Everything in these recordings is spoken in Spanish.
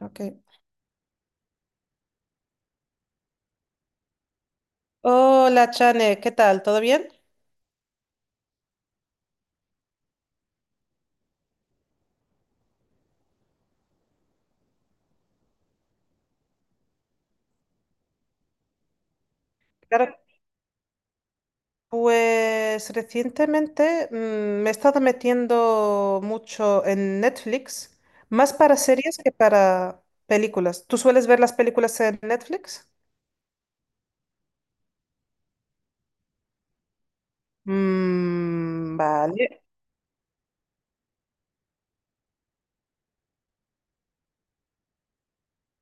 Ok. Hola, Chane, ¿qué tal? ¿Todo bien? Claro. Pues recientemente me he estado metiendo mucho en Netflix, más para series que para películas. ¿Tú sueles ver las películas en Netflix? Mm, vale.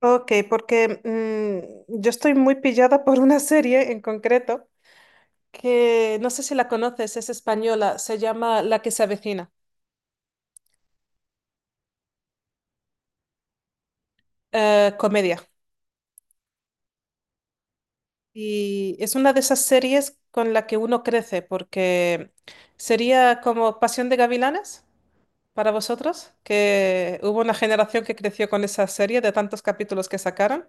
Ok, porque yo estoy muy pillada por una serie en concreto que no sé si la conoces, es española, se llama La que se avecina. Comedia. Y es una de esas series con la que uno crece, porque sería como Pasión de Gavilanes para vosotros, que hubo una generación que creció con esa serie de tantos capítulos que sacaron.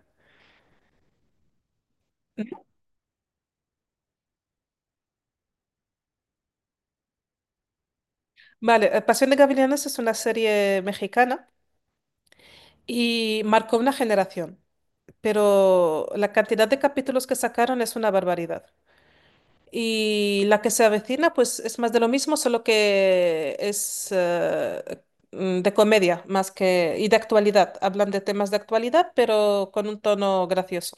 Vale, Pasión de Gavilanes es una serie mexicana y marcó una generación, pero la cantidad de capítulos que sacaron es una barbaridad. Y la que se avecina, pues es más de lo mismo, solo que es de comedia más que y de actualidad. Hablan de temas de actualidad, pero con un tono gracioso.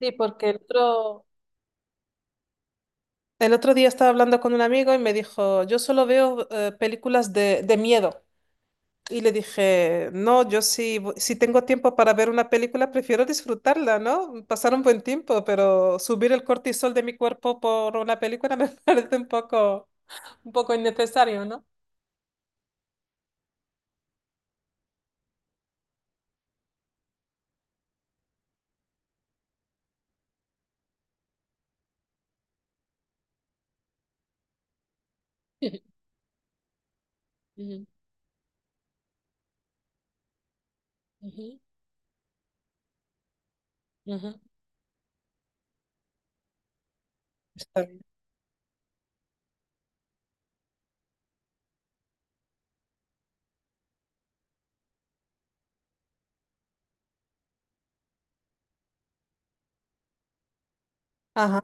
Sí, porque el otro... El otro día estaba hablando con un amigo y me dijo, yo solo veo películas de miedo. Y le dije, no, yo sí, si tengo tiempo para ver una película, prefiero disfrutarla, ¿no? Pasar un buen tiempo, pero subir el cortisol de mi cuerpo por una película me parece un poco... Un poco innecesario, ¿no? Ujú, ujú, ujú. Está bien. Ajá,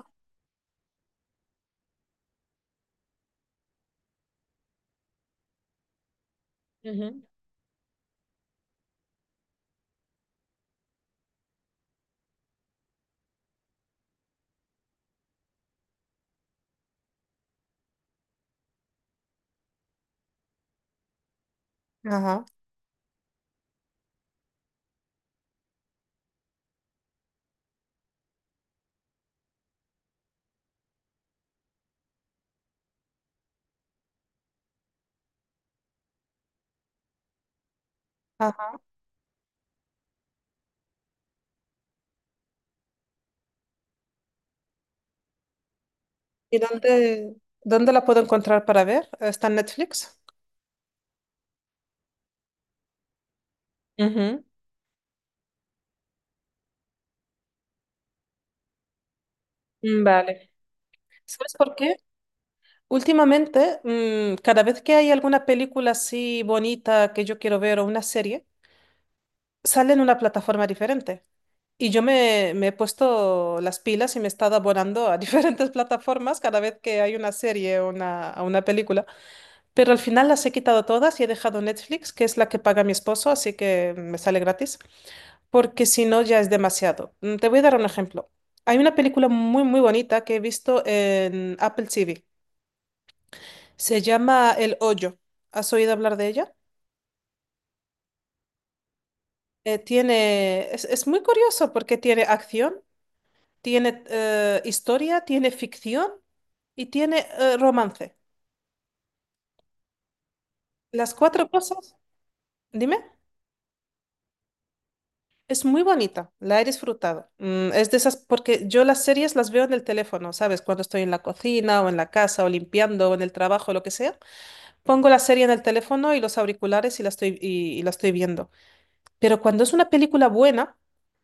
ujú. Ajá, ajá. ¿Y dónde, dónde la puedo encontrar para ver? ¿Está en Netflix? Ujú. Mm, vale. ¿Sabes por qué? Últimamente, cada vez que hay alguna película así bonita que yo quiero ver o una serie, sale en una plataforma diferente. Y yo me he puesto las pilas y me he estado abonando a diferentes plataformas cada vez que hay una serie a una película. Pero al final las he quitado todas y he dejado Netflix, que es la que paga mi esposo, así que me sale gratis, porque si no ya es demasiado. Te voy a dar un ejemplo. Hay una película muy, muy bonita que he visto en Apple TV. Se llama El Hoyo. ¿Has oído hablar de ella? Es muy curioso porque tiene acción, tiene historia, tiene ficción y tiene romance. Las cuatro cosas, dime. Es muy bonita, la he disfrutado. Mm, es de esas, porque yo las series las veo en el teléfono, ¿sabes? Cuando estoy en la cocina o en la casa o limpiando o en el trabajo, lo que sea, pongo la serie en el teléfono y los auriculares y la estoy, y la estoy viendo. Pero cuando es una película buena,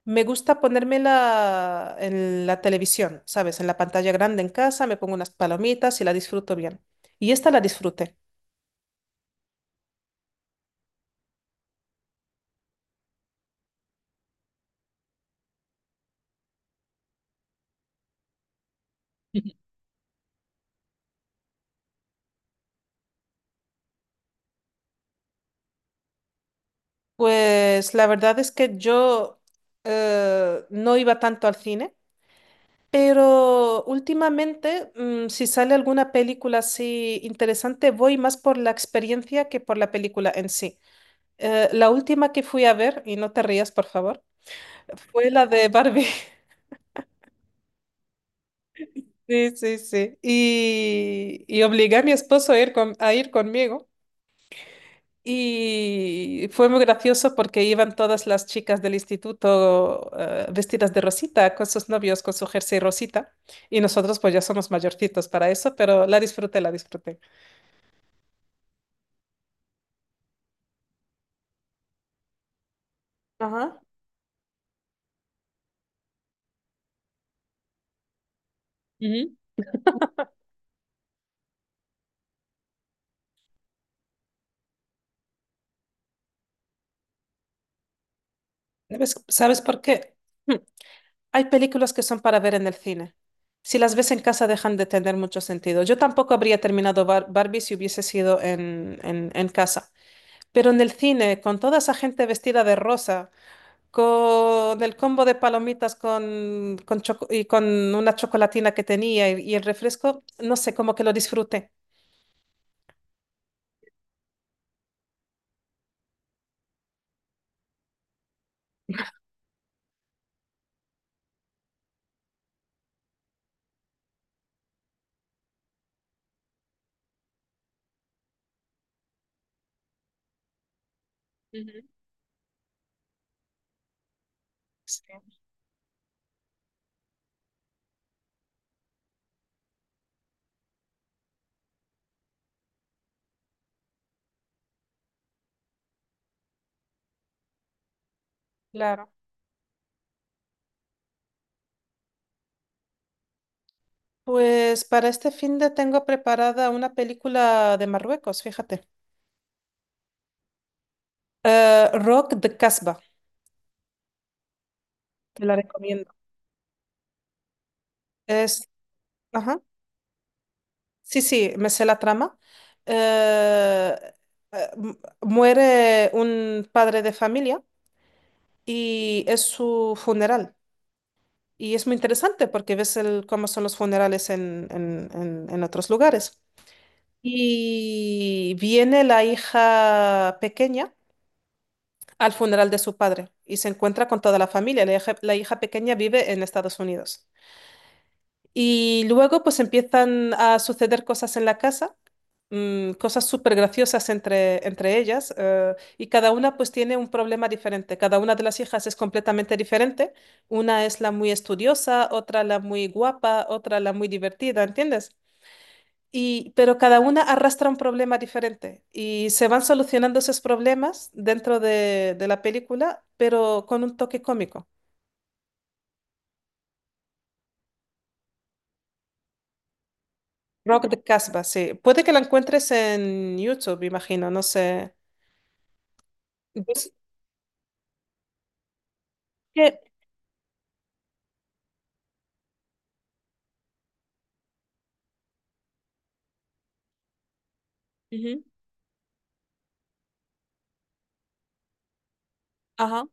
me gusta ponérmela en la televisión, ¿sabes? En la pantalla grande en casa, me pongo unas palomitas y la disfruto bien. Y esta la disfruté. Pues la verdad es que yo no iba tanto al cine. Pero últimamente, si sale alguna película así interesante, voy más por la experiencia que por la película en sí. La última que fui a ver, y no te rías, por favor, fue la de Barbie. Sí, sí, sí. Y obligué a mi esposo a ir, a ir conmigo. Y fue muy gracioso porque iban todas las chicas del instituto, vestidas de rosita, con sus novios, con su jersey rosita. Y nosotros pues ya somos mayorcitos para eso, pero la disfruté, la disfruté. Ajá. Ujú. ¿Sabes, sabes por qué? Hmm. Hay películas que son para ver en el cine. Si las ves en casa dejan de tener mucho sentido. Yo tampoco habría terminado Barbie si hubiese sido en casa. Pero en el cine, con toda esa gente vestida de rosa, con el combo de palomitas con y con una chocolatina que tenía y el refresco, no sé, como que lo disfruté. Ujú, sí. Claro. Pues para este fin de tengo preparada una película de Marruecos, fíjate. Rock de Casbah, te la recomiendo. Es, ajá, sí, sí, me sé la trama. Eh, eh, mu- muere un padre de familia y es su funeral. Y es muy interesante porque ves el, cómo son los funerales en, en otros lugares. Y viene la hija pequeña al funeral de su padre y se encuentra con toda la familia. La hija pequeña vive en Estados Unidos. Y luego pues empiezan a suceder cosas en la casa, cosas súper graciosas entre ellas, y cada una pues tiene un problema diferente. Cada una de las hijas es completamente diferente. Una es la muy estudiosa, otra la muy guapa, otra la muy divertida, ¿entiendes? Y, pero cada una arrastra un problema diferente y se van solucionando esos problemas dentro de la película, pero con un toque cómico. Rock de Casbah, sí. Puede que la encuentres en YouTube, imagino, no sé. Pues, que- Ujú. Ajá,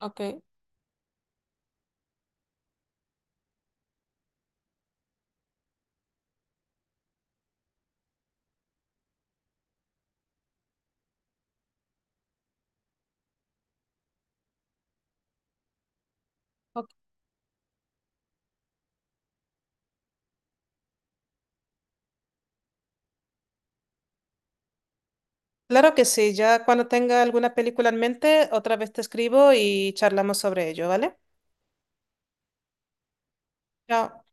ok. Ok. Claro que sí, ya cuando tenga alguna película en mente, otra vez te escribo y charlamos sobre ello, ¿vale? Chao.